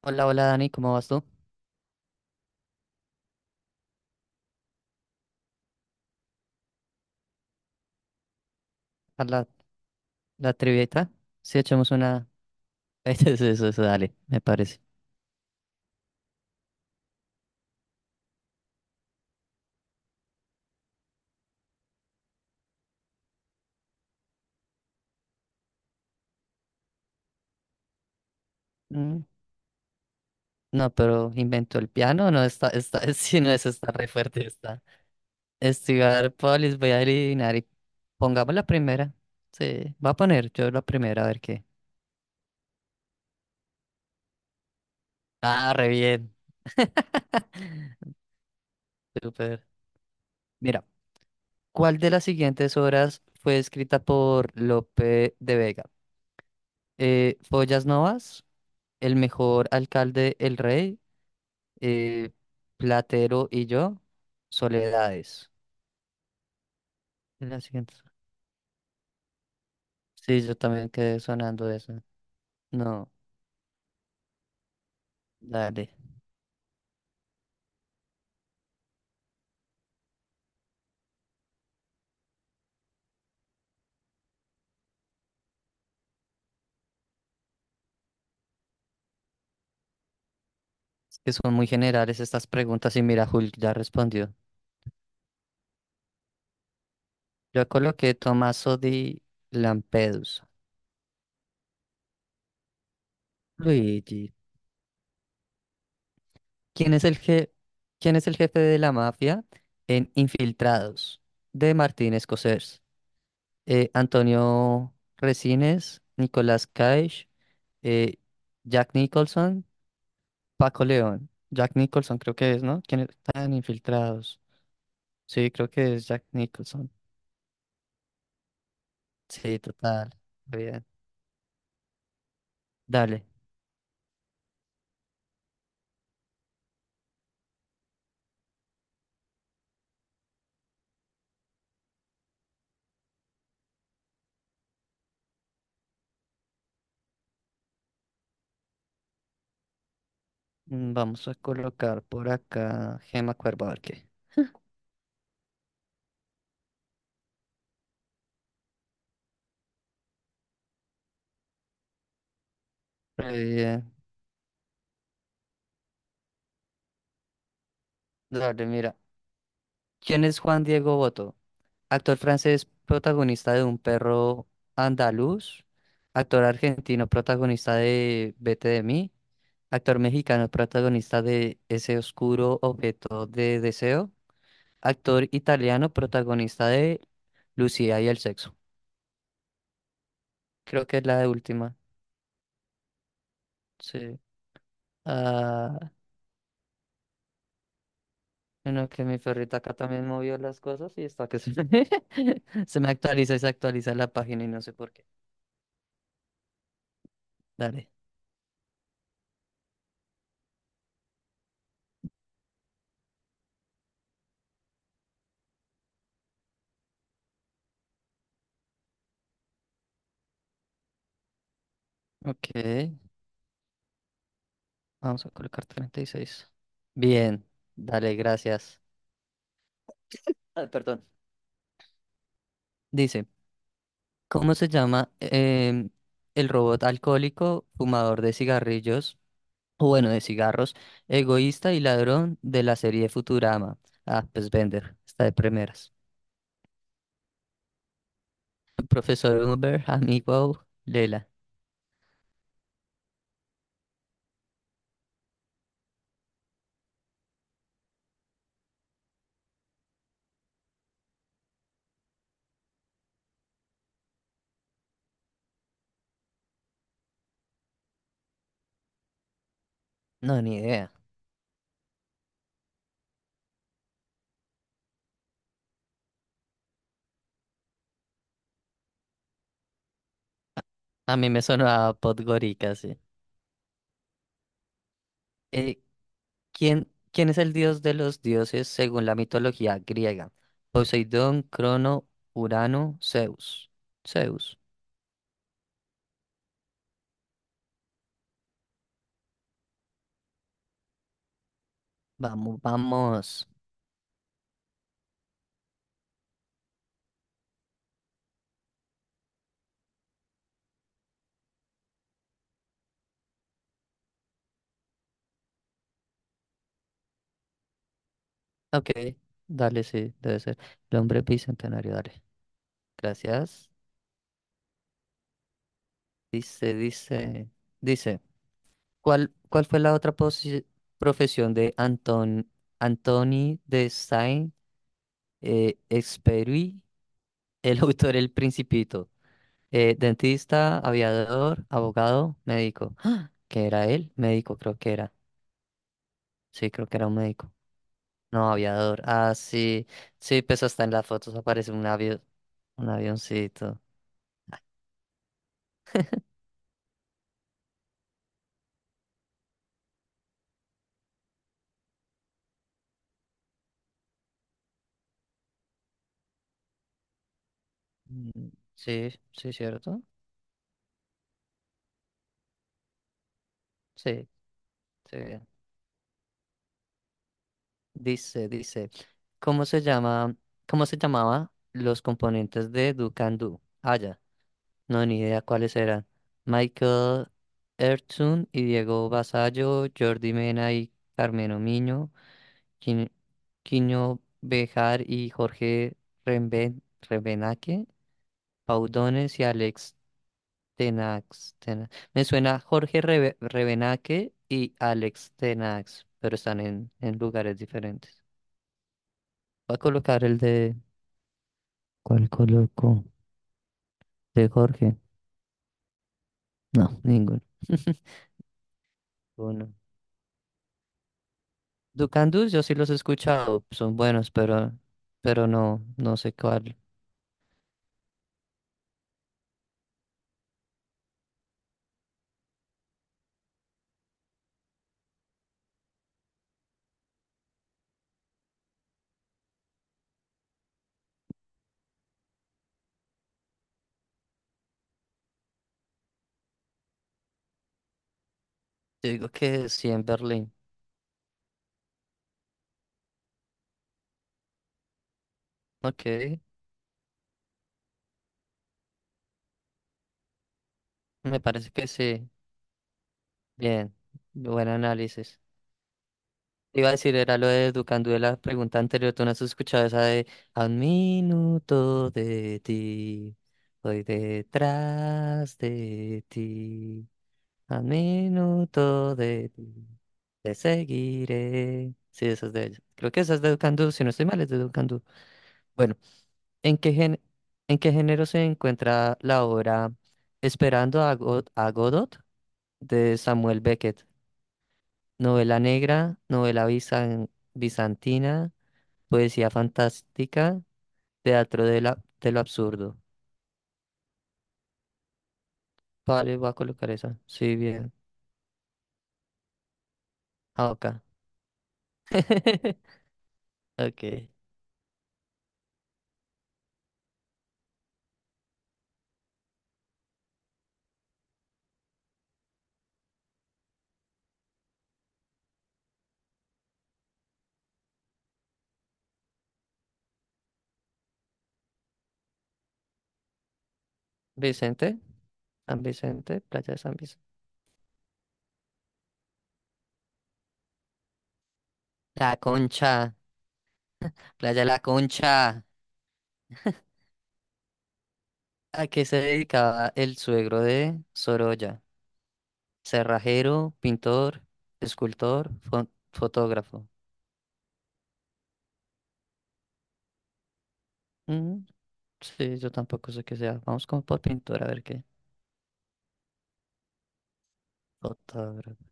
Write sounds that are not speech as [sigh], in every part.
Hola, hola Dani, ¿cómo vas tú? ¿A la, la trivieta? Si echamos una... [laughs] Eso, dale, me parece. Mm, No, pero inventó el piano, no está, [laughs] si no es, está re fuerte, está. Estudiar Polis, voy a adivinar y pongamos la primera. Sí, va a poner yo la primera, a ver qué. Ah, re bien. [laughs] Súper. Mira, ¿cuál de las siguientes obras fue escrita por Lope de Vega? ¿Follas Novas? ¿El mejor alcalde, el rey? eh, Platero y yo, Soledades. La siguiente. Sí, yo también quedé sonando eso. No, dale. Es que son muy generales estas preguntas y mira, Hulk ya respondió. Yo coloqué Tommaso di Lampedusa. Luigi, ¿quién es el je- ¿quién es el jefe de la mafia en Infiltrados? De Martín Scorsese. Antonio Resines, Nicolás Cage, eh, Jack Nicholson Paco León, Jack Nicholson creo que es, ¿no? ¿Quiénes están infiltrados? Sí, creo que es Jack Nicholson. Sí, total. Bien. Dale. Vamos a colocar por acá Gema Cuervo, a ver qué. Re bien. Dale, mira. ¿Quién es Juan Diego Boto? Actor francés protagonista de Un perro andaluz. Actor argentino protagonista de Vete de mí. Actor mexicano protagonista de Ese oscuro objeto de deseo. Actor italiano, protagonista de Lucía y el sexo. Creo que es la de última. Sí. Ah, bueno, que mi perrita acá también movió las cosas y está [laughs] se me actualiza y se actualiza la página y no sé por qué. Dale. Ok. Vamos a colocar treinta y seis. Bien. Dale, gracias. Ah, perdón. Dice, ¿Cómo se llama el robot alcohólico fumador de cigarrillos, o bueno, de cigarros, egoísta y ladrón de la serie Futurama? Ah, pues Bender, está de primeras. Profesor Uber, amigo Lela. No, ni idea. A mí me sonaba Podgorica, sí. Eh, quién es el dios de los dioses según la mitología griega? Poseidón, Crono, Urano, Zeus. Zeus. Vamos, vamos. Ok, dale, sí, debe ser. El hombre bicentenario, dale. Gracias. Dice, dice, Dice. ¿Cuál fue profesión de Antoni de Saint-Exupéry, [laughs] el autor El Principito? Dentista, aviador, abogado, médico. ¡Ah! ¿Qué era él? Médico, creo que era. Sí, creo que era un médico. No, aviador. Ah, sí. Sí, pues hasta en las fotos aparece un avión, un avioncito. Mm, Sí, sí, cierto. Sí, sí. Dice, dice, ¿Cómo se llama, cómo se llamaba los componentes de Do Can Do? Ah, ya, no, ni idea cuáles eran. Michael Ertzun y Diego Basallo, Jordi Mena y Carmen Omiño, Quin- Quiño Bejar y Jorge Remben Rebenaque, Paudones y Alex Tenax. Me suena Jorge Rebenaque y Alex Tenax, pero están en lugares diferentes. Voy a colocar el de... ¿Cuál coloco? ¿De Jorge? No, ninguno. [laughs] Uno. Ducandus, yo sí los he escuchado, son buenos, pero no, no sé cuál. Yo digo que sí en Berlín. Ok, me parece que sí. Bien, buen análisis. Iba a decir, era lo de Ducandú de la pregunta anterior, tú no has escuchado esa de a un minuto de ti, voy detrás de ti. A minuto de ti te seguiré. Sí, esa es de ella. Creo que esa es de Educandú, si no estoy mal, es de Educandú. Bueno, ¿en qué gen- ¿en qué género se encuentra la obra Esperando a Godot de Samuel Beckett? Novela negra, bizantina, poesía fantástica, teatro de lo absurdo. Vale, voy a colocar esa. Sí, bien. Ah, ok. [laughs] Ok. Vicente, San Vicente, Playa de San Vicente. La Concha, Playa de la Concha. ¿A qué se dedicaba el suegro de Sorolla? Cerrajero, pintor, escultor, fotógrafo. Mm, sí, yo tampoco sé qué sea. Vamos con por pintor a ver qué. Fotógrafo.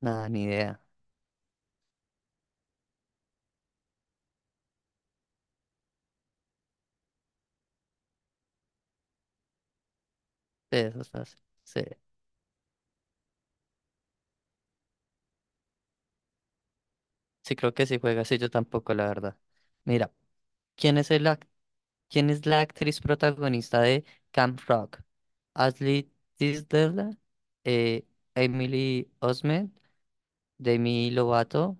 Nada, ni idea. Sí, eso es fácil. Sí, sí, creo que sí juega. Sí, yo tampoco, la verdad. Mira, ¿quién es el ac- ¿Quién es la actriz protagonista de Camp Rock? ¿Ashley Tisdale, eh, Emily Osment, Demi Lovato,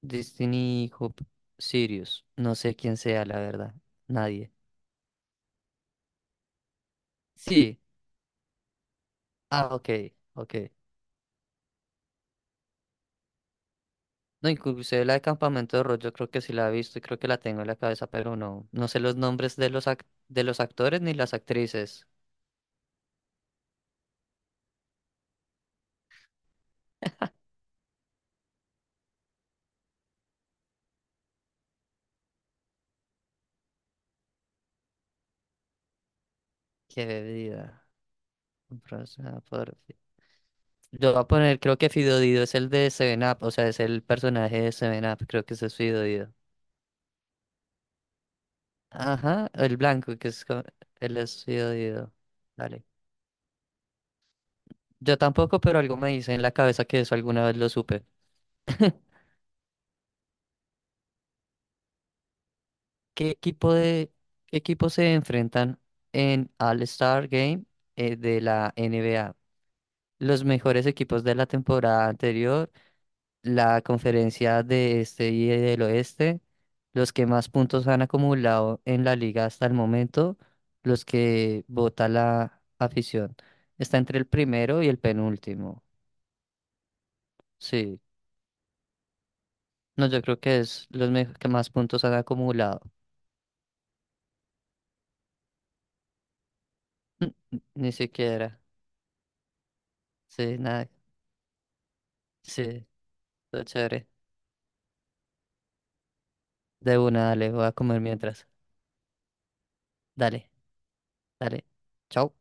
Destiny Hope Sirius? No sé quién sea, la verdad. Nadie. Sí. Ah, ok, ok. No, inclusive la de Campamento de Rock, yo creo que sí la he visto y creo que la tengo en la cabeza, pero no, no sé los nombres de de los actores ni las actrices. Qué bebida. Bros, Yo voy a poner, creo que Fidodido es el de Seven Up, o sea, es el personaje de Seven Up, creo que ese es Fidodido. Ajá, el blanco, que es co- él es Fidodido. Dale. Yo tampoco, pero algo me dice en la cabeza que eso alguna vez lo supe. [laughs] ¿Qué equipo de ¿qué equipo se enfrentan en All-Star Game de la NBA? Los mejores equipos de la temporada anterior, la conferencia de este y del oeste, los que más puntos han acumulado en la liga hasta el momento, los que vota la afición. Está entre el primero y el penúltimo. Sí, no, yo creo que es que más puntos han acumulado. [laughs] Ni siquiera. Sí, nada. Sí, todo chévere. De una, dale, voy a comer mientras. Dale, dale. Chao.